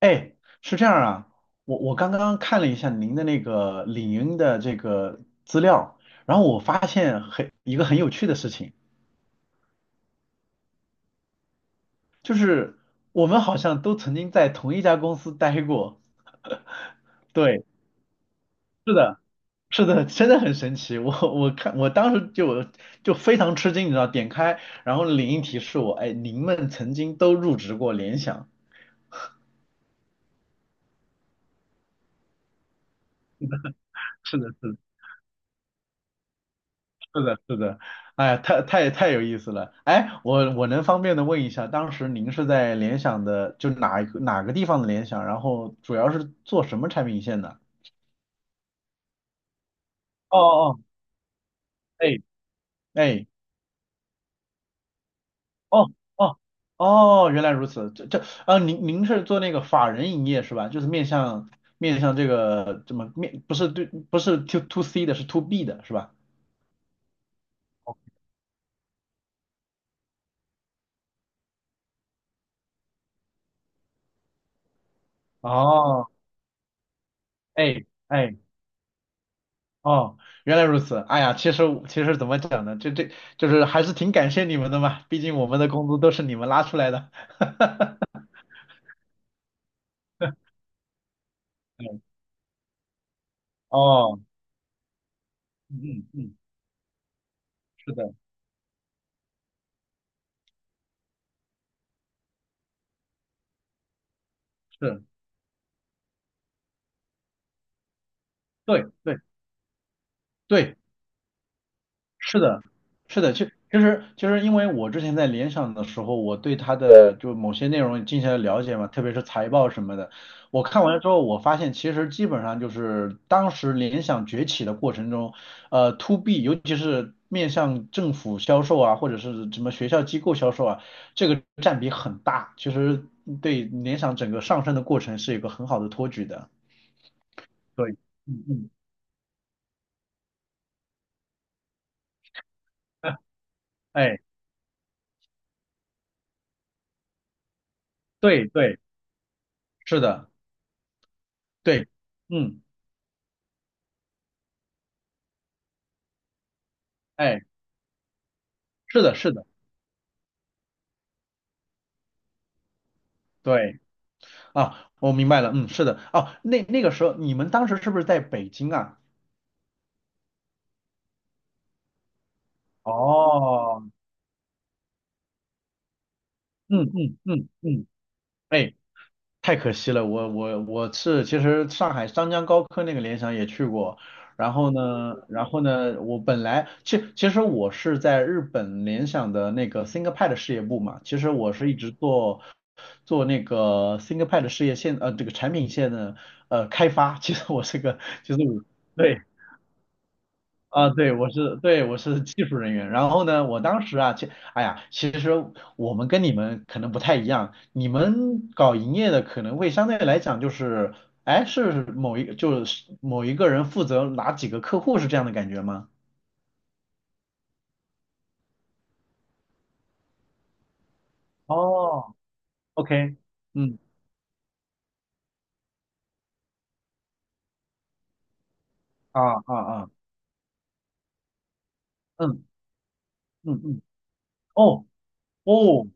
哎，是这样啊，我刚刚看了一下您的那个领英的这个资料，然后我发现很一个很有趣的事情，就是我们好像都曾经在同一家公司待过。对，是的，是的，真的很神奇。我当时就非常吃惊，你知道，点开然后领英提示我，哎，您们曾经都入职过联想。是的，是的。是的，是的，哎呀，太太太有意思了。哎，我能方便的问一下，当时您是在联想的，就哪个地方的联想，然后主要是做什么产品线的？哦哦，哦，哎哎，哦哦哦，原来如此。这这啊，您是做那个法人营业是吧？就是面向这个怎么面，不是对，不是 to C 的，是 to B 的是吧？哦，哎哎。哦，原来如此。哎呀，其实怎么讲呢？就是还是挺感谢你们的嘛，毕竟我们的工资都是你们拉出来的。嗯哦，嗯嗯嗯，是的，是，对对对。是的，是的，就其实就是因为我之前在联想的时候，我对它的就某些内容进行了了解嘛，特别是财报什么的，我看完了之后，我发现其实基本上就是当时联想崛起的过程中，to B，尤其是面向政府销售啊，或者是什么学校机构销售啊，这个占比很大，其实对联想整个上升的过程是一个很好的托举的。对，嗯嗯，哎，对对，是的，对，嗯。哎。是的，是的，对啊，我明白了，嗯，是的，哦，那个时候你们当时是不是在北京啊？哦，嗯嗯嗯嗯，哎，太可惜了，我是其实上海张江高科那个联想也去过，然后呢，然后呢，我本来其实我是在日本联想的那个 ThinkPad 事业部嘛，其实我是一直做那个 ThinkPad 事业线这个产品线的开发，其实我是个其实我。对，啊，对，对，我是技术人员。然后呢，我当时啊，哎呀，其实我们跟你们可能不太一样，你们搞营业的可能会相对来讲就是，哎，是就是某一个人负责哪几个客户是这样的感觉吗？哦，OK，嗯，啊啊啊，嗯嗯嗯，哦哦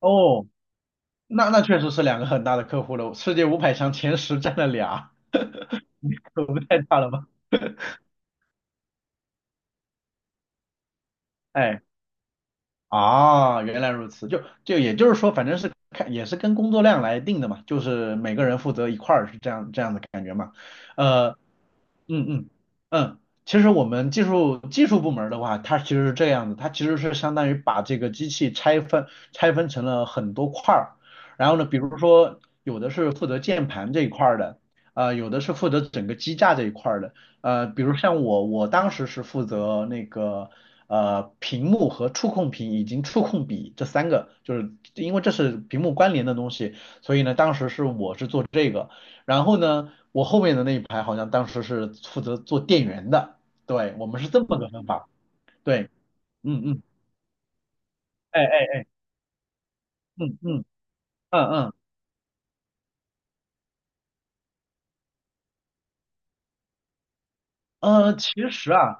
哦，那确实是两个很大的客户了，世界500强前10占了俩，可不太大了吧？哎。啊，原来如此，就就也就是说，反正是看也是跟工作量来定的嘛，就是每个人负责一块儿，是这样的感觉嘛。呃。嗯嗯嗯，其实我们技术部门儿的话，它其实是这样的，它其实是相当于把这个机器拆分成了很多块儿，然后呢，比如说有的是负责键盘这一块儿的，呃，有的是负责整个机架这一块儿的，呃，比如像我，我当时是负责那个屏幕和触控屏以及触控笔这三个，就是因为这是屏幕关联的东西，所以呢，当时是我是做这个，然后呢。我后面的那一排好像当时是负责做店员的，对，我们是这么个分法，对，嗯嗯，哎哎，嗯嗯嗯嗯，其实啊，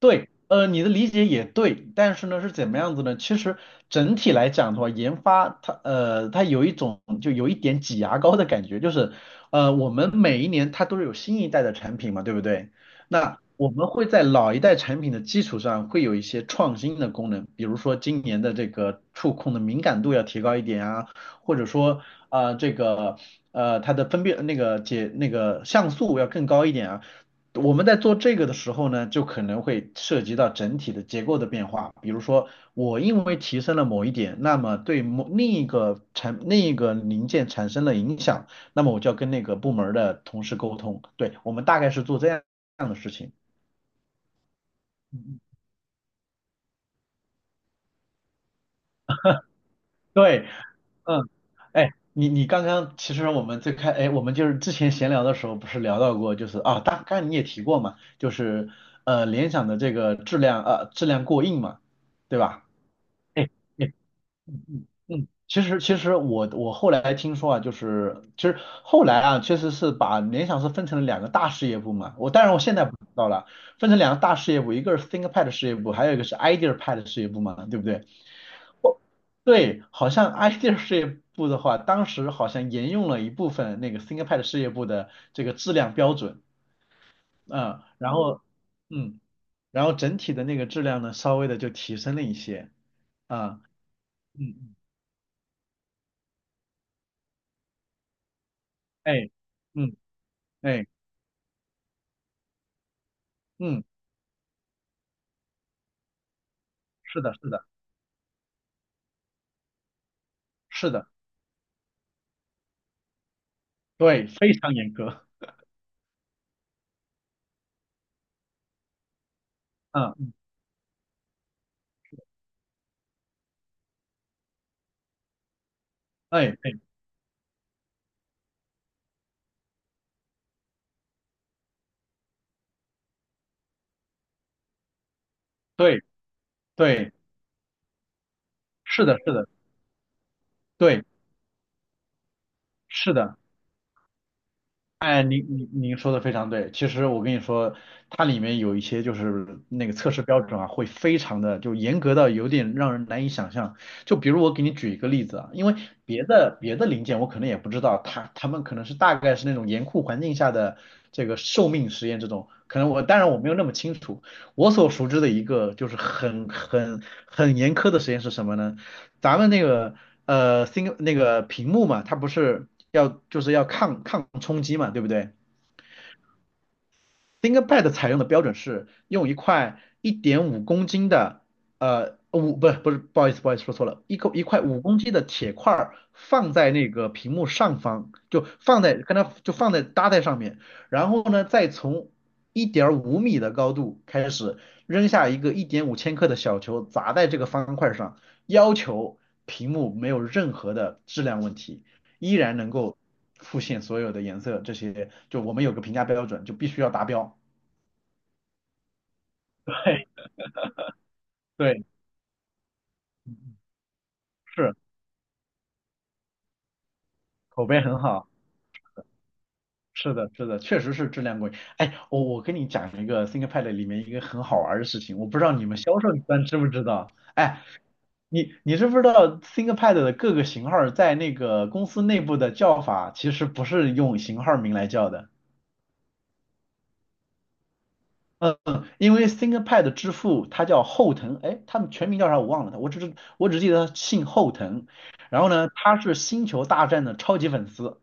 对，你的理解也对，但是呢是怎么样子呢？其实整体来讲的话，研发它它有一种就有一点挤牙膏的感觉，就是我们每一年它都是有新一代的产品嘛，对不对？那我们会在老一代产品的基础上会有一些创新的功能，比如说今年的这个触控的敏感度要提高一点啊，或者说啊、这个它的分辨那个解那个像素要更高一点啊。我们在做这个的时候呢，就可能会涉及到整体的结构的变化。比如说，我因为提升了某一点，那么对某另一个产另一个零件产生了影响，那么我就要跟那个部门儿的同事沟通。对，我们大概是做这样的事情。嗯对，嗯，哎，你刚刚其实我们哎，我们就是之前闲聊的时候不是聊到过，就是啊，大概你也提过嘛，就是联想的这个质量过硬嘛，对吧？哎。嗯，其实我后来听说啊，就是其实后来啊，确实是把联想是分成了两个大事业部嘛。我当然我现在不知道了，分成两个大事业部，一个是 ThinkPad 事业部，还有一个是 IdeaPad 事业部嘛，对不对？对，好像 Idea 事业部的话，当时好像沿用了一部分那个 ThinkPad 事业部的这个质量标准，嗯，然后嗯，然后整体的那个质量呢，稍微的就提升了一些啊，嗯嗯，哎，嗯哎，嗯，是的，是的。是的，对，非常严格。嗯，哎，对，对，对，是的，是的，对，是的。哎，您说的非常对。其实我跟你说，它里面有一些就是那个测试标准啊，会非常的就严格到有点让人难以想象。就比如我给你举一个例子啊，因为别的零件我可能也不知道，他们可能是大概是那种严酷环境下的这个寿命实验这种，可能我当然我没有那么清楚。我所熟知的一个就是很严苛的实验是什么呢？咱们那个新那个屏幕嘛，它不是要就是要抗冲击嘛，对不对？ThinkPad 采用的标准是用一块1.5公斤的，不是不是，不好意思不好意思说错了，一块五公斤的铁块儿放在那个屏幕上方，就放在跟它就放在搭在上面，然后呢再从1.5米的高度开始扔下一个1.5千克的小球砸在这个方块上，要求屏幕没有任何的质量问题，依然能够复现所有的颜色这些，就我们有个评价标准，就必须要达标。对 对，是口碑很好，是的，是的，确实是质量过硬。哎，我跟你讲一个 ThinkPad 里面一个很好玩的事情，我不知道你们销售端知不知道？哎，你知不知道 ThinkPad 的各个型号在那个公司内部的叫法其实不是用型号名来叫的，嗯，因为 ThinkPad 之父他叫后藤，哎，他们全名叫啥我忘了，他我只是我只记得他姓后藤，然后呢，他是星球大战的超级粉丝。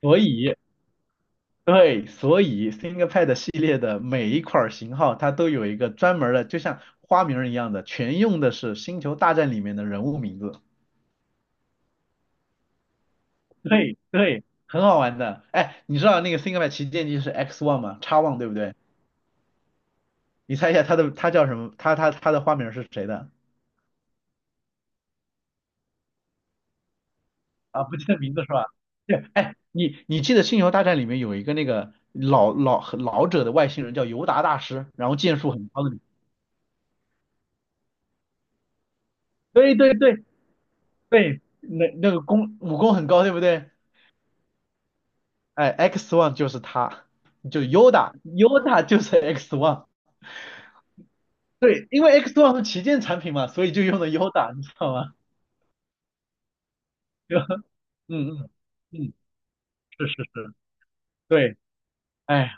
所以对，所以 ThinkPad 系列的每一款型号，它都有一个专门儿的，就像花名儿一样的，全用的是《星球大战》里面的人物名字。对对，很好玩的。哎，你知道那个 ThinkPad 旗舰机是 X One 吗？X One 对不对？你猜一下它叫什么？它的花名儿是谁的？啊，不记得名字是吧？对，哎，你记得《星球大战》里面有一个那个很老者的外星人叫尤达大师，然后剑术很高的。对对对对，那个武功很高，对不对？哎，X One 就是他，就 Yoda，Yoda 就是 X One。对，因为 X One 是旗舰产品嘛，所以就用的 Yoda，你知道吗？就嗯嗯嗯，是是，对，哎，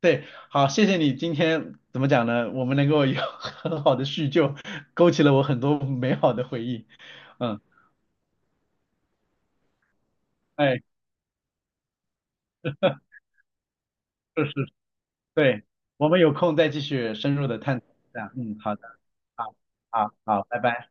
对，好，谢谢你今天怎么讲呢？我们能够有 很好的叙旧，勾起了我很多美好的回忆。嗯，哎，是是，对，我们有空再继续深入的探讨一下。嗯，好的，好，好，好，拜拜。